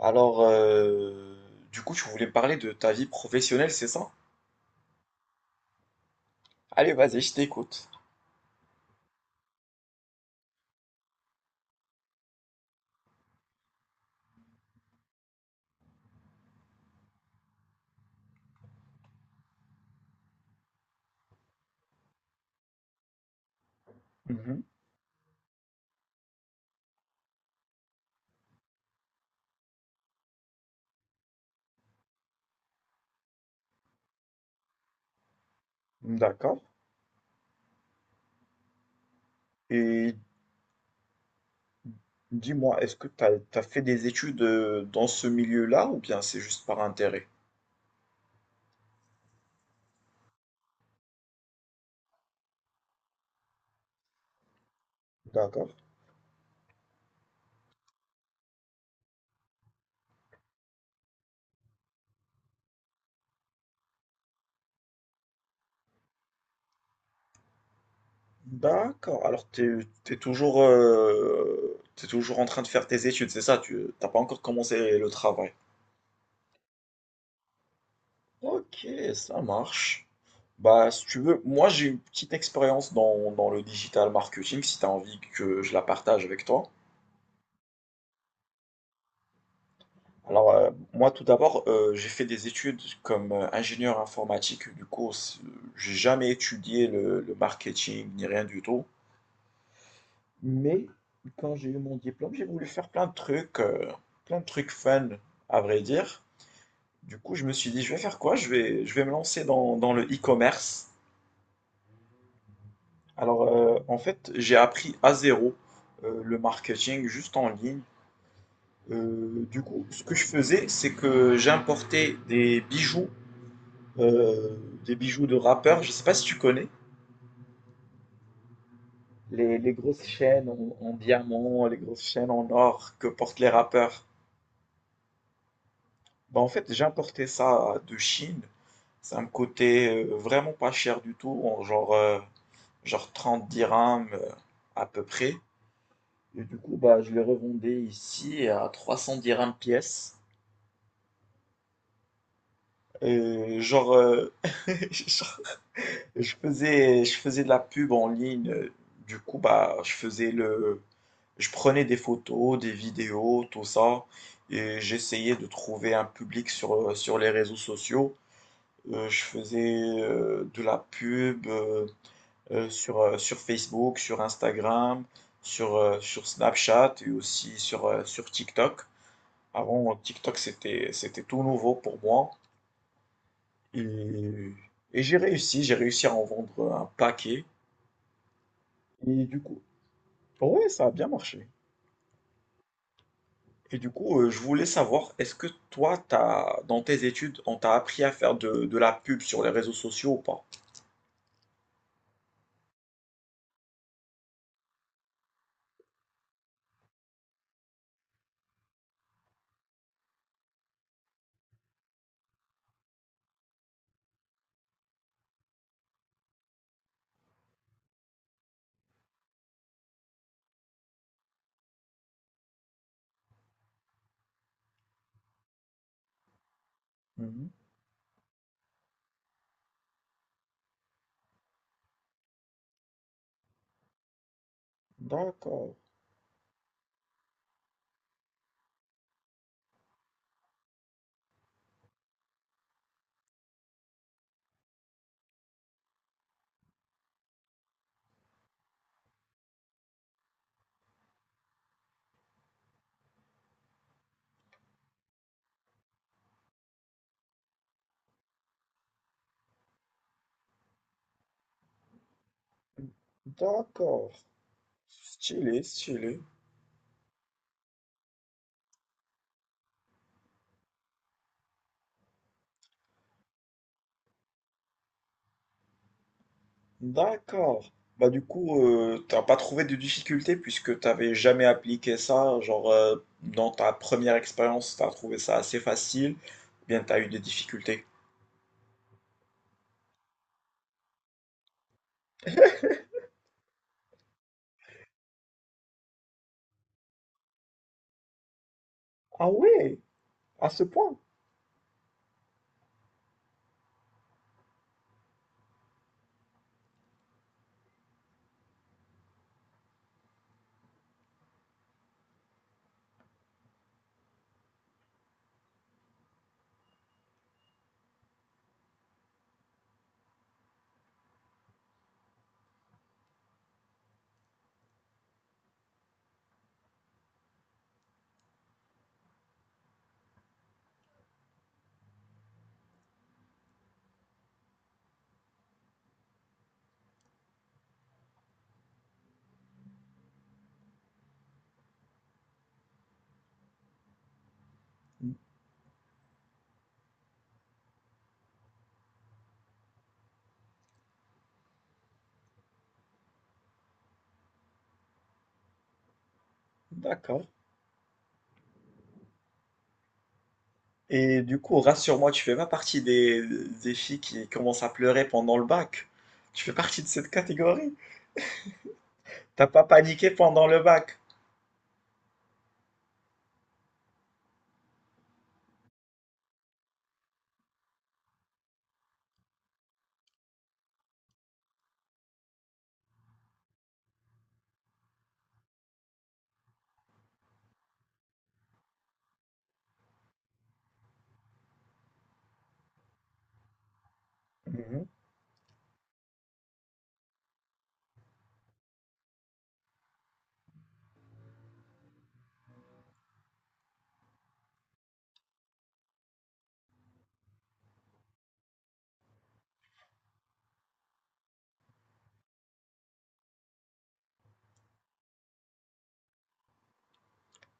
Alors, euh, du coup, tu voulais me parler de ta vie professionnelle, c'est ça? Allez, vas-y, je t'écoute. Mhm. D'accord. Et dis-moi, est-ce que tu as, fait des études dans ce milieu-là ou bien c'est juste par intérêt? D'accord. D'accord. Alors, tu es, toujours, t'es toujours en train de faire tes études, c'est ça? Tu t'as pas encore commencé le travail. Ok, ça marche. Bah, si tu veux, moi j'ai une petite expérience dans le digital marketing, si tu as envie que je la partage avec toi. Moi tout d'abord, j'ai fait des études comme ingénieur informatique. J'ai jamais étudié le marketing ni rien du tout. Mais quand j'ai eu mon diplôme, j'ai voulu faire plein de trucs fun, à vrai dire. Du coup, je me suis dit, je vais faire quoi? Je vais me lancer dans le e-commerce. Alors, en fait, j'ai appris à zéro le marketing juste en ligne. Du coup, ce que je faisais, c'est que j'importais euh, des bijoux de rappeurs. Je sais pas si tu connais les grosses chaînes en diamant, les grosses chaînes en or que portent les rappeurs. Bah, en fait, j'ai importé ça de Chine. Ça me coûtait vraiment pas cher du tout, en genre, genre 30 dirhams à peu près. Et du coup, bah, je les revendais ici à 300 dirhams pièce. Et genre, genre, je faisais de la pub en ligne. Du coup, bah, je prenais des photos, des vidéos, tout ça. Et j'essayais de trouver un public sur, sur les réseaux sociaux. Je faisais, de la pub, sur, sur Facebook, sur Instagram, sur, sur Snapchat et aussi sur, sur TikTok. Avant, TikTok, c'était tout nouveau pour moi et j'ai réussi à en vendre, un paquet et du coup ouais, ça a bien marché et du coup, je voulais savoir, est-ce que toi, t'as dans tes études, on t'a appris à faire de la pub sur les réseaux sociaux ou pas? Mhm. D'accord, d'accord. Stylé, stylé. D'accord. Bah du coup, t'as pas trouvé de difficulté puisque t'avais jamais appliqué ça. Genre, dans ta première expérience, t'as trouvé ça assez facile. Ou bien, t'as eu des difficultés. Ah ouais, à ce point. D'accord. Et du coup, rassure-moi, tu fais pas partie des filles qui commencent à pleurer pendant le bac. Tu fais partie de cette catégorie. T'as pas paniqué pendant le bac. Mhm.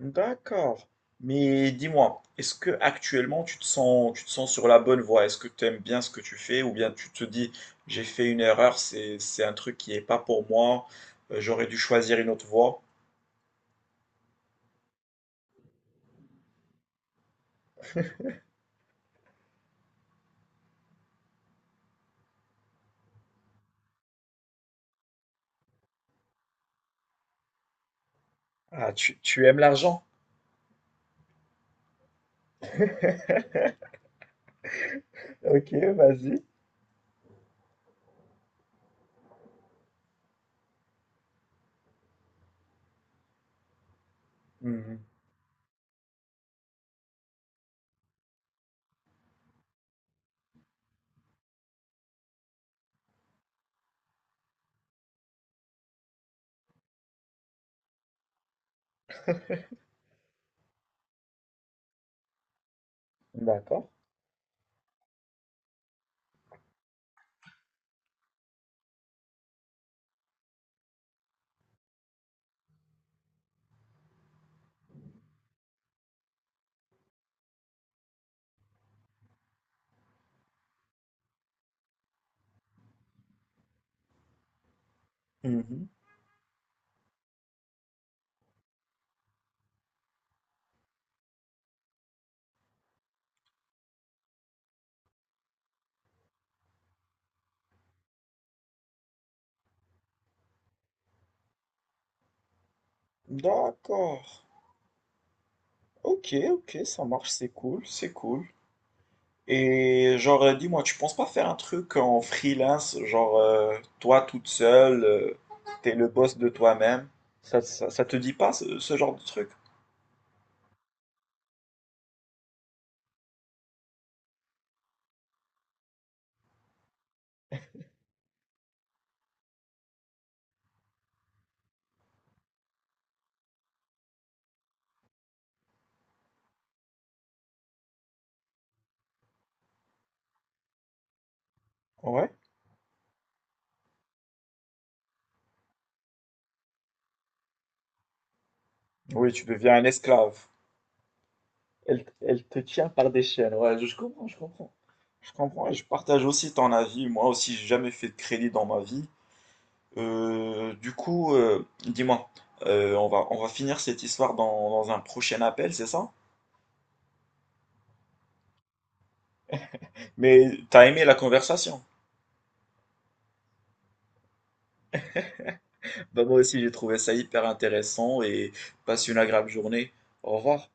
D'accord. Mais dis-moi, est-ce que actuellement tu te sens sur la bonne voie? Est-ce que tu aimes bien ce que tu fais ou bien tu te dis j'ai fait une erreur, c'est un truc qui n'est pas pour moi, j'aurais dû choisir une autre voie. Ah, tu aimes l'argent? Ok, vas-y. Mhm. D'accord. Mhm. D'accord. Ok, ok, ça marche, c'est cool, c'est cool. Et genre, dis-moi, tu penses pas faire un truc en freelance, genre toi toute seule, t'es le boss de toi-même? Ça te dit pas ce genre de truc? Ouais. Oui, tu deviens un esclave. Elle te tient par des chaînes, ouais, je comprends, je comprends. Je comprends et je partage aussi ton avis. Moi aussi, j'ai jamais fait de crédit dans ma vie. Dis-moi, on va finir cette histoire dans un prochain appel, c'est ça? Mais t'as aimé la conversation. Bah moi aussi j'ai trouvé ça hyper intéressant et passe une agréable journée. Au revoir.